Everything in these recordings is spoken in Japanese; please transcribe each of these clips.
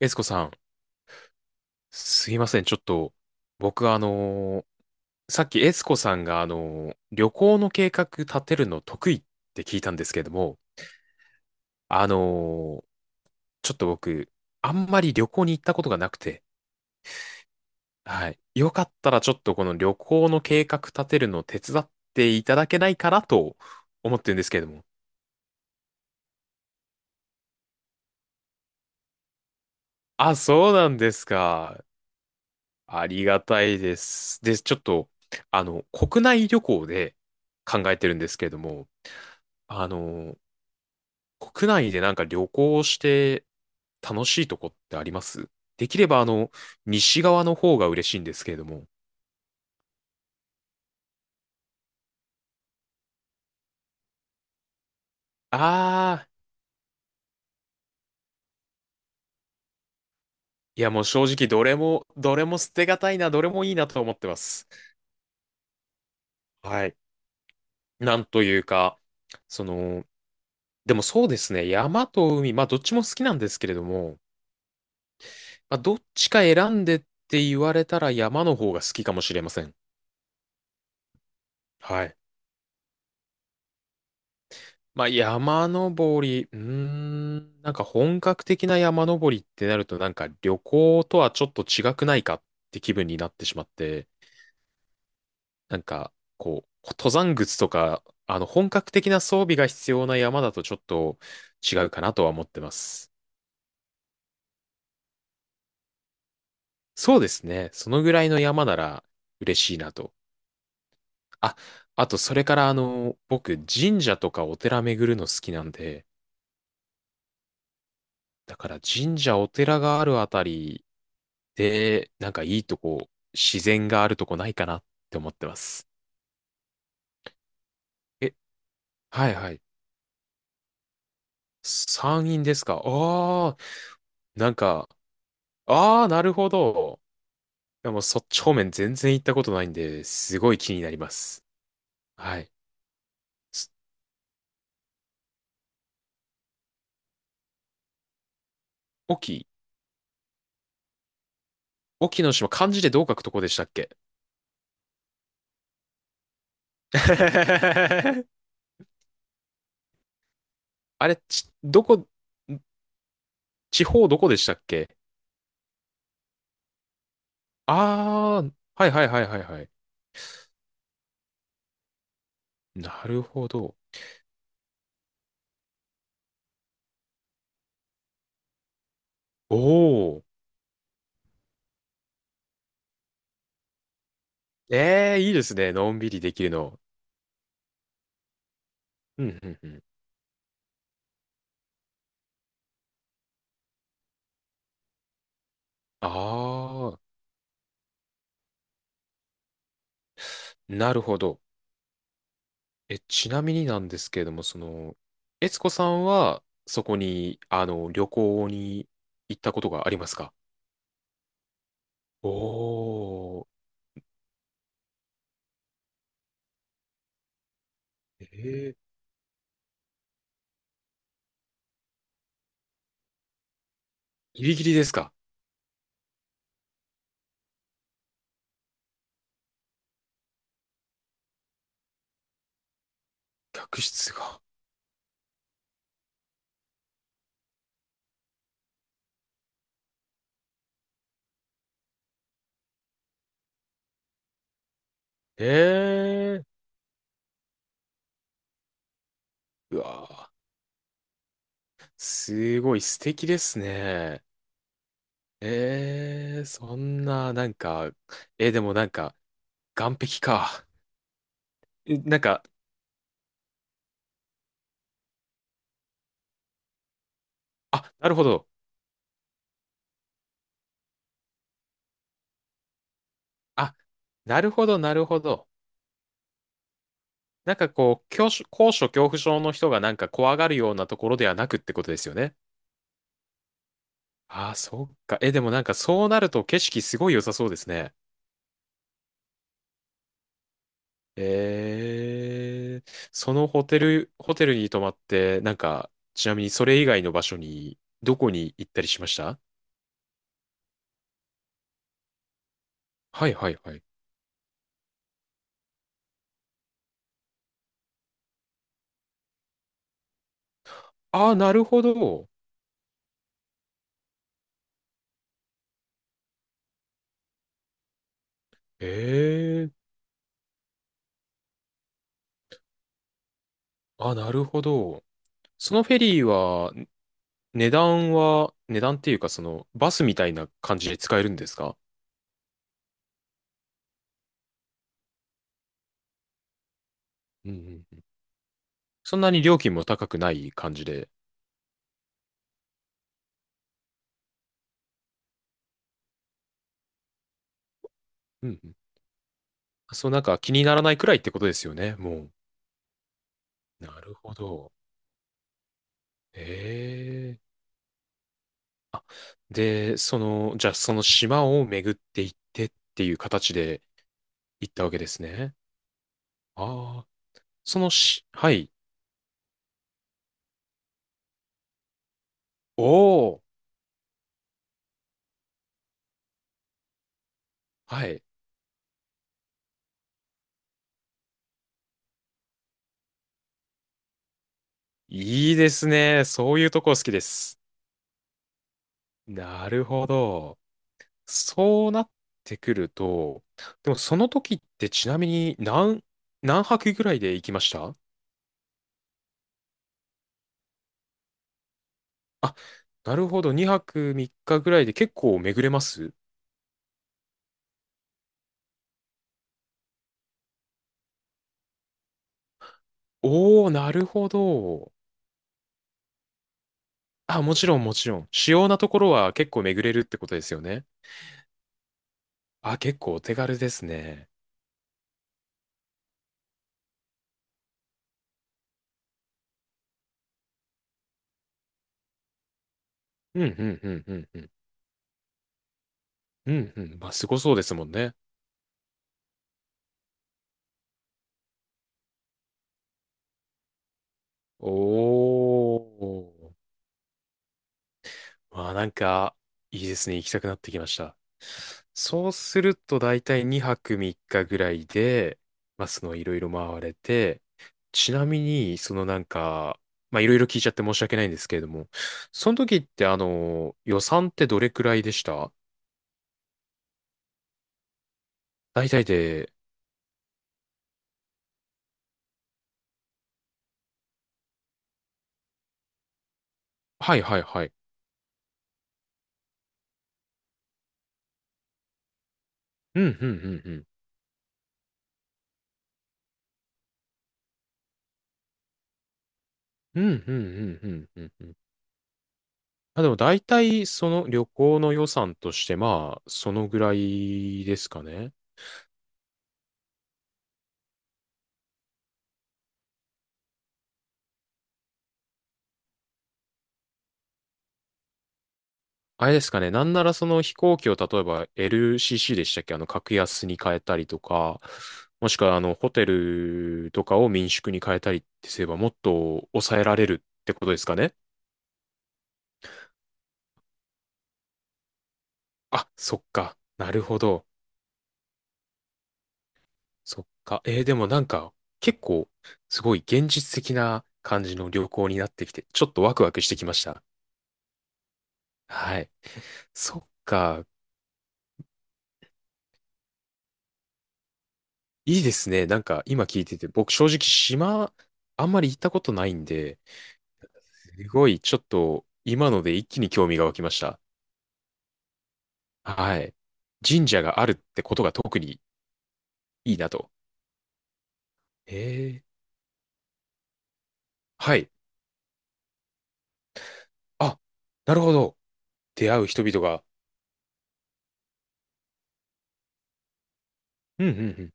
エスコさん、すいません。ちょっと、僕さっきエスコさんが旅行の計画立てるの得意って聞いたんですけれども、あのーちょっと僕、あんまり旅行に行ったことがなくて、はい。よかったらちょっとこの旅行の計画立てるの手伝っていただけないかなと思ってるんですけれども。あ、そうなんですか。ありがたいです。で、ちょっと、国内旅行で考えてるんですけれども、あの国内でなんか旅行して楽しいとこってあります？できれば西側の方が嬉しいんですけれども。ああ、いやもう正直どれも、どれも捨てがたいな、どれもいいなと思ってます。はい。なんというか、その、でもそうですね、山と海、まあどっちも好きなんですけれども、まあどっちか選んでって言われたら山の方が好きかもしれません。はい。まあ、山登り、なんか本格的な山登りってなると、なんか旅行とはちょっと違くないかって気分になってしまって、なんか、こう、登山靴とか、本格的な装備が必要な山だとちょっと違うかなとは思ってます。そうですね。そのぐらいの山なら嬉しいなと。あ、あと、それから、僕、神社とかお寺巡るの好きなんで、だから神社、お寺があるあたりで、なんかいいとこ、自然があるとこないかなって思ってます。え、はいはい。山陰ですか？ああー、なんか、ああ、なるほど。でもそっち方面全然行ったことないんで、すごい気になります。はい。す隠岐、隠岐の島、漢字でどう書くとこでしたっけ？ あれ、地方どこでしたっけ？ああー、はいはいはいはいはい。なるほど。おー。ええ、いいですね。のんびりできるの。うん、うん、うん。ああ、なるほど。え、ちなみになんですけれども、悦子さんは、そこに、旅行に行ったことがありますか？おー。ええ、ギリギリですか？客室が。ええ、うわー、すごい素敵ですね。ええ、そんな、なんか、でもなんか、岸壁か。なんか、あ、なるほど。あ、なるほど、なるほど。なんかこう、高所恐怖症の人がなんか怖がるようなところではなくってことですよね。ああ、そっか。え、でもなんかそうなると景色すごい良さそうですね。そのホテル、に泊まって、なんか、ちなみにそれ以外の場所に、どこに行ったりしました？はいはいはい。ああ、なるほど。ええー、あ、なるほど。そのフェリーは値段っていうか、バスみたいな感じで使えるんですか？うんうんうん。そんなに料金も高くない感じで、うんうん。そう、なんか気にならないくらいってことですよね、もう。なるほど。ええ。あ、で、じゃあその島を巡っていってっていう形で行ったわけですね。ああ、そのし、はい。おお、はい。いいですね。そういうとこ好きです。なるほど。そうなってくると、でもその時ってちなみに何泊ぐらいで行きました？あ、なるほど。2泊3日ぐらいで結構巡れます？おー、なるほど。あ、もちろんもちろん。主要なところは結構巡れるってことですよね。あ、結構お手軽ですね。うん、うん、うん、うん、うん。うん、うん。まあ、すごそうですもんね。おー。まあなんか、いいですね。行きたくなってきました。そうするとだいたい2泊3日ぐらいで、まあそのいろいろ回れて、ちなみに、なんか、まあいろいろ聞いちゃって申し訳ないんですけれども、その時って予算ってどれくらいでした？大体で、はいはいはい。うん、うん、うん、うん。うん、うん、うん、うん、うん。うんまあでも大体その旅行の予算としてまあ、そのぐらいですかね。あれですかね。なんならその飛行機を例えば LCC でしたっけ？格安に変えたりとか、もしくはホテルとかを民宿に変えたりってすればもっと抑えられるってことですかね？あ、そっか。なるほど。そっか。でもなんか、結構、すごい現実的な感じの旅行になってきて、ちょっとワクワクしてきました。はい。そっか。いいですね。なんか、今聞いてて、僕正直島、あんまり行ったことないんで、すごい、ちょっと、今ので一気に興味が湧きました。はい。神社があるってことが特にいいなと。ええ。はい。あ、なるほど。出会う人々が。うん、うん、うん。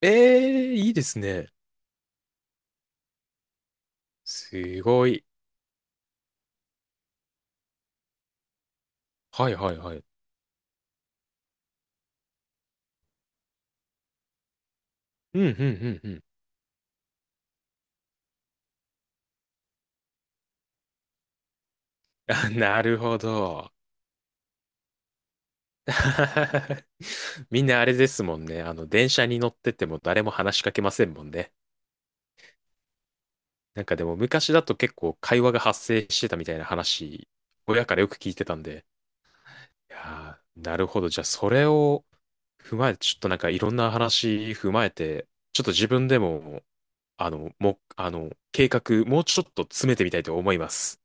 ええ、いいですね。すごい。はい、はい、はい。うん、うん、うん、うん。あ、なるほど。みんなあれですもんね。電車に乗ってても誰も話しかけませんもんね。なんかでも昔だと結構会話が発生してたみたいな話、親からよく聞いてたんで。いやーなるほど。じゃあ、それを踏まえて、ちょっとなんかいろんな話踏まえて、ちょっと自分でも、計画、もうちょっと詰めてみたいと思います。